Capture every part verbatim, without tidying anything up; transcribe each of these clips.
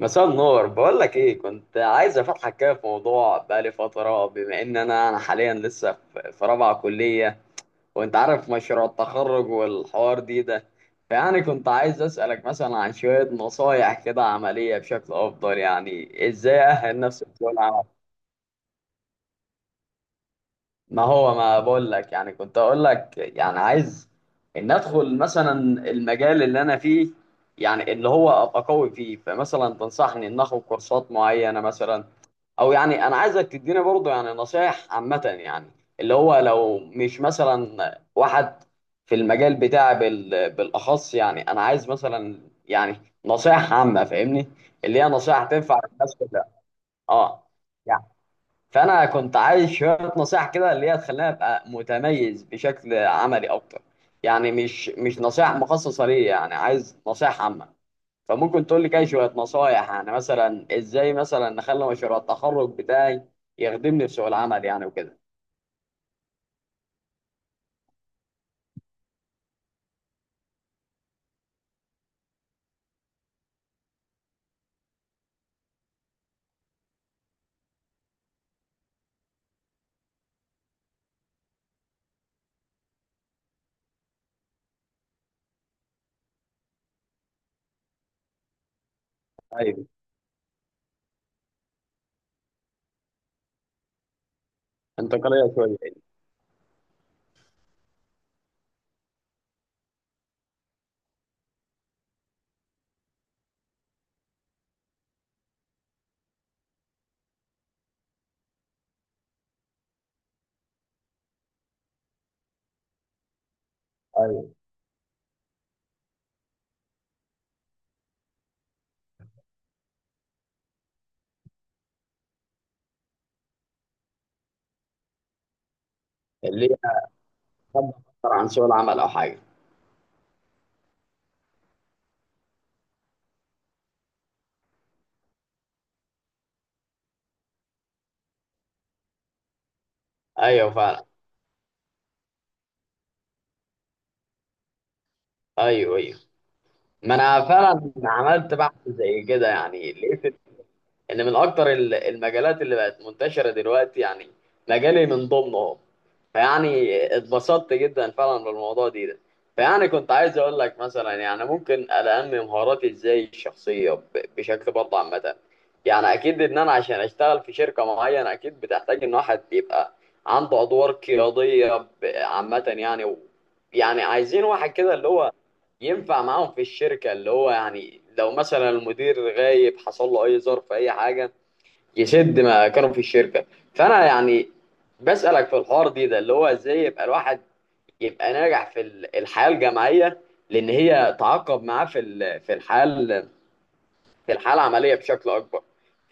مساء النور، بقول لك ايه، كنت عايز افتحك كده في موضوع بقالي فتره، بما ان انا انا حاليا لسه في في رابعه كليه، وانت عارف مشروع التخرج والحوار دي ده. فيعني كنت عايز اسالك مثلا عن شويه نصايح كده عمليه بشكل افضل، يعني ازاي اهل نفسي في سوق العمل. ما هو ما بقول لك، يعني كنت اقول لك يعني عايز ان ادخل مثلا المجال اللي انا فيه، يعني اللي هو ابقى قوي فيه. فمثلا تنصحني ان اخد كورسات معينه مثلا؟ او يعني انا عايزك تديني برضه يعني نصايح عامه، يعني اللي هو لو مش مثلا واحد في المجال بتاعي بال- بالاخص، يعني انا عايز مثلا يعني نصايح عامه، فاهمني؟ اللي هي نصايح تنفع للناس كلها. اه يعني. فانا كنت عايز شويه نصايح كده اللي هي تخليني ابقى متميز بشكل عملي اكتر، يعني مش مش نصايح مخصصه ليا، يعني عايز نصايح عامه. فممكن تقول لي كده شوية نصايح، يعني مثلا ازاي مثلا نخلي مشروع التخرج بتاعي يخدمني في سوق العمل، يعني وكده. ايوه، انتقالية شوية. ايوه، اللي هي أخدها أكتر عن سوق العمل او حاجة. ايوه فعلا. ايوه ايوه. ما انا فعلا عملت بحث زي كده، يعني لقيت ان من اكتر ال- المجالات اللي بقت منتشره دلوقتي يعني مجالي من ضمنهم، فيعني اتبسطت جدا فعلا بالموضوع دي ده فيعني كنت عايز اقول لك مثلا، يعني ممكن انمي مهاراتي ازاي الشخصيه ب- بشكل برضه عامه. يعني اكيد ان انا عشان اشتغل في شركه معينه اكيد بتحتاج ان واحد يبقى عنده ادوار قياديه ب- عامه يعني، و يعني عايزين واحد كده اللي هو ينفع معاهم في الشركة، اللي هو يعني لو مثلا المدير غايب حصل له أي ظرف أي حاجة يسد ما كانوا في الشركة. فأنا يعني بسألك في الحوار دي ده اللي هو إزاي يبقى الواحد يبقى ناجح في ال- الحياة الجامعية، لأن هي تعاقب معاه في ال- في الحياة، في الحاله العمليه بشكل اكبر.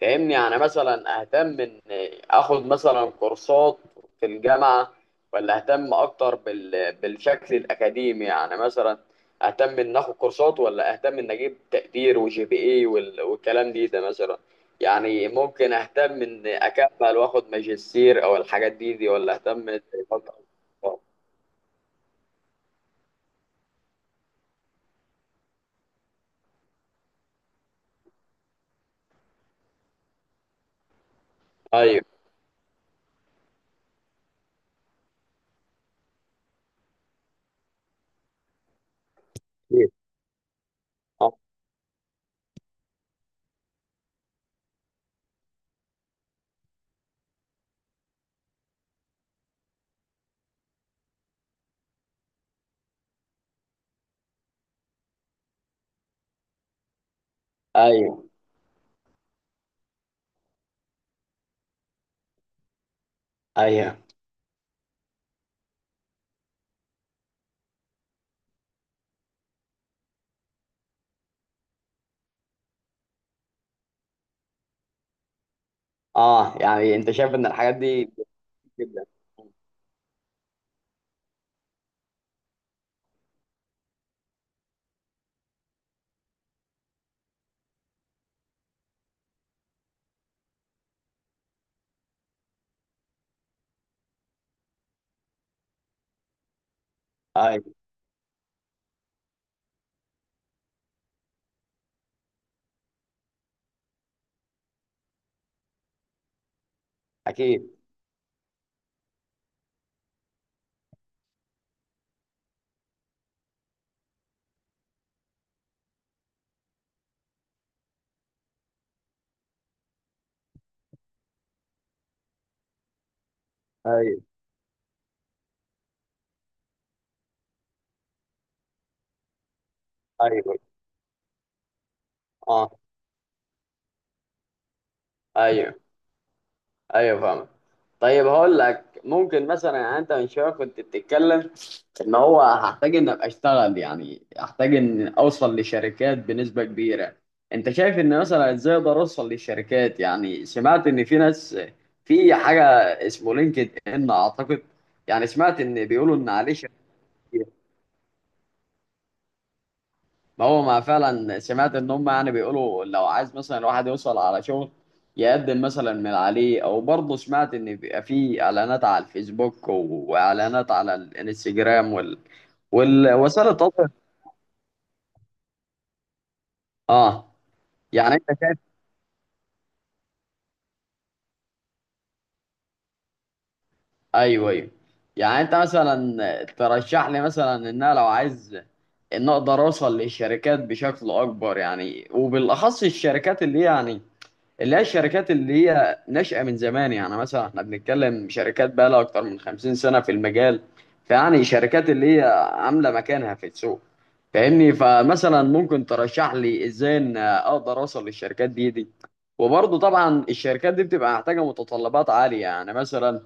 فاهمني؟ يعني مثلا اهتم ان اخد مثلا كورسات في الجامعه، ولا اهتم اكتر بال... بالشكل الاكاديمي، يعني مثلا اهتم ان اخد كورسات ولا اهتم ان اجيب تقدير وجي بي اي وال... والكلام دي ده مثلا. يعني ممكن اهتم ان اكمل واخد ماجستير او الحاجات دي دي ولا اهتم. ايوه. ايوه ايوه. اه يعني انت شايف ان الحاجات دي جدا. طيب. اكيد. ايوه ايوه. اه. ايوه ايوه فاهم. طيب هقول لك ممكن مثلا، يعني انت من شويه كنت بتتكلم ان هو هحتاج ان ابقى اشتغل، يعني هحتاج ان اوصل لشركات بنسبه كبيره. انت شايف ان مثلا ازاي اقدر اوصل للشركات؟ يعني سمعت ان في ناس، في حاجه اسمه لينكد ان اعتقد، يعني سمعت ان بيقولوا ان عليه شركات. ما هو ما فعلا سمعت ان هم يعني بيقولوا لو عايز مثلا الواحد يوصل على شغل يقدم مثلا من عليه. او برضه سمعت ان بيبقى في اعلانات على الفيسبوك و- واعلانات على الانستجرام وال والوسائل التواصل. اه. يعني انت شايف. ايوه ايوه. يعني انت مثلا ترشح لي مثلا ان انا لو عايز ان اقدر اوصل للشركات بشكل اكبر، يعني وبالاخص الشركات اللي هي يعني اللي هي الشركات اللي هي ناشئه من زمان، يعني مثلا احنا بنتكلم شركات بقى لها اكتر من خمسين سنه في المجال، فيعني شركات اللي هي عامله مكانها في السوق، فاهمني؟ فمثلا ممكن ترشح لي ازاي ان اقدر اوصل للشركات دي دي؟ وبرضه طبعا الشركات دي بتبقى محتاجه متطلبات عاليه، يعني مثلا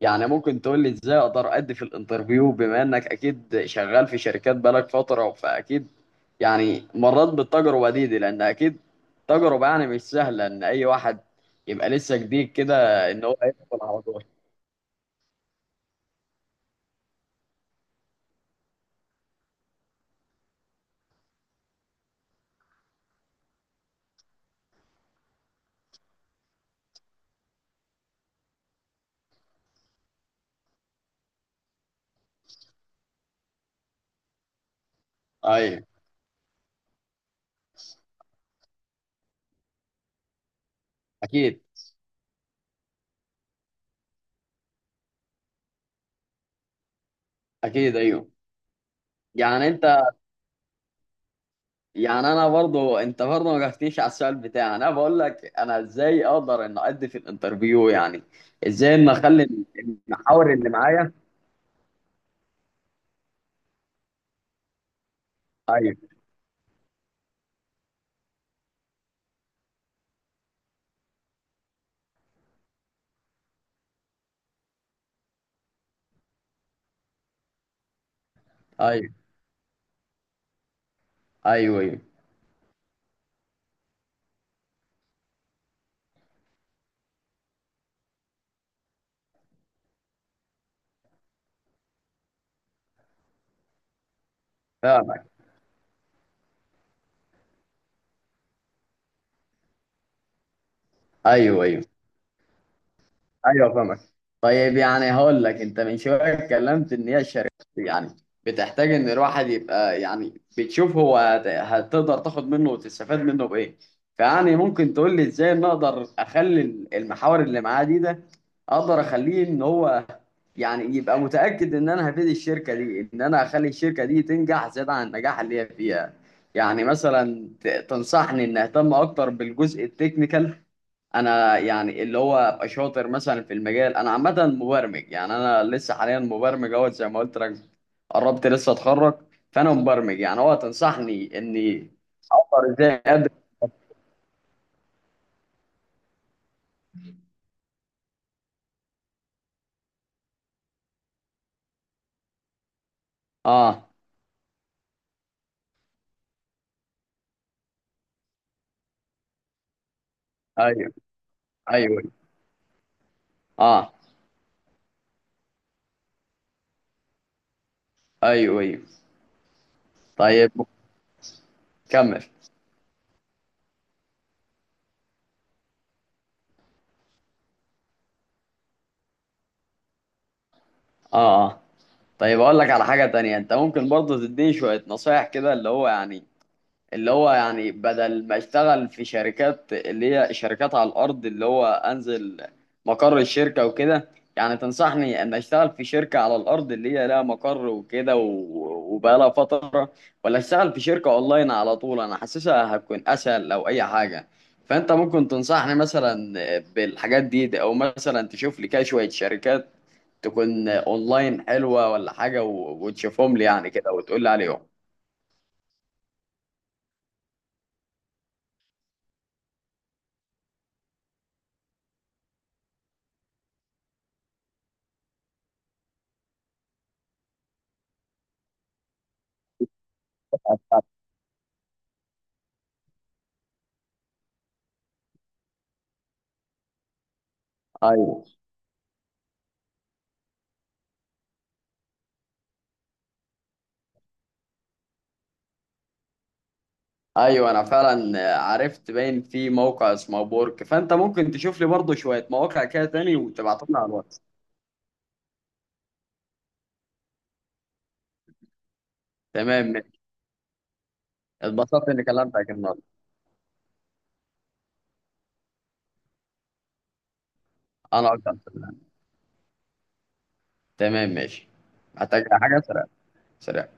يعني ممكن تقول لي ازاي اقدر ادي في الانترفيو، بما انك اكيد شغال في شركات بقالك فترة فاكيد يعني مريت بالتجربة دي, دي. لان اكيد تجربة يعني مش سهلة ان اي واحد يبقى لسه جديد كده ان هو يدخل على طول. ايوه. اكيد. اكيد. ايوه. يعني انت، يعني انا برضو، انت برضو ما جاوبتنيش على السؤال بتاعي. انا بقول لك انا ازاي اقدر ان ادي في الانترفيو، يعني ازاي ان اخلي المحاور اللي معايا. ايوه ايوه. ايوه. ايوه فاهم. ايوه ايوه. ايوه فاهمك. طيب يعني هقول لك، انت من شويه اتكلمت ان هي الشركات يعني بتحتاج ان الواحد يبقى يعني بتشوف هو هت- هتقدر تاخد منه وتستفاد منه بايه. فيعني ممكن تقول لي ازاي ان اقدر اخلي المحاور اللي معاه دي ده اقدر اخليه ان هو يعني يبقى متاكد ان انا هفيد الشركه دي، ان انا اخلي الشركه دي تنجح زياده عن النجاح اللي هي فيها. يعني مثلا ت- تنصحني ان اهتم اكتر بالجزء التكنيكال؟ انا يعني اللي هو ابقى شاطر مثلا في المجال، انا عامه مبرمج يعني، انا لسه حاليا مبرمج اهوت زي ما قلت لك، قربت لسه اتخرج، فانا مبرمج يعني. هو تنصحني اني اقدر ازاي أقدم؟ اه. ايوه ايوه. اه. ايوه ايوه. طيب. كمل. اه. اه. طيب اقول لك على حاجه تانية. انت ممكن برضه تديني شويه نصايح كده، اللي هو يعني اللي هو يعني بدل ما اشتغل في شركات اللي هي شركات على الارض، اللي هو انزل مقر الشركه وكده، يعني تنصحني ان اشتغل في شركه على الارض اللي هي لها مقر وكده و- وبقالها فتره، ولا اشتغل في شركه اونلاين على طول؟ انا حاسسها هتكون اسهل او اي حاجه. فانت ممكن تنصحني مثلا بالحاجات دي, دي، او مثلا تشوف لي كده شويه شركات تكون اونلاين حلوه ولا حاجه و- وتشوفهم لي يعني كده وتقول لي عليهم. ايوه ايوه. انا فعلا عرفت باين في موقع اسمه بورك، فانت ممكن تشوف لي برضه شويه مواقع كده تاني وتبعتهم لي على الواتس. تمام ماشي. اتبسطت اني كلمتك النهارده. انا اكتر. تمام ماشي. محتاج حاجه سريع. سريع.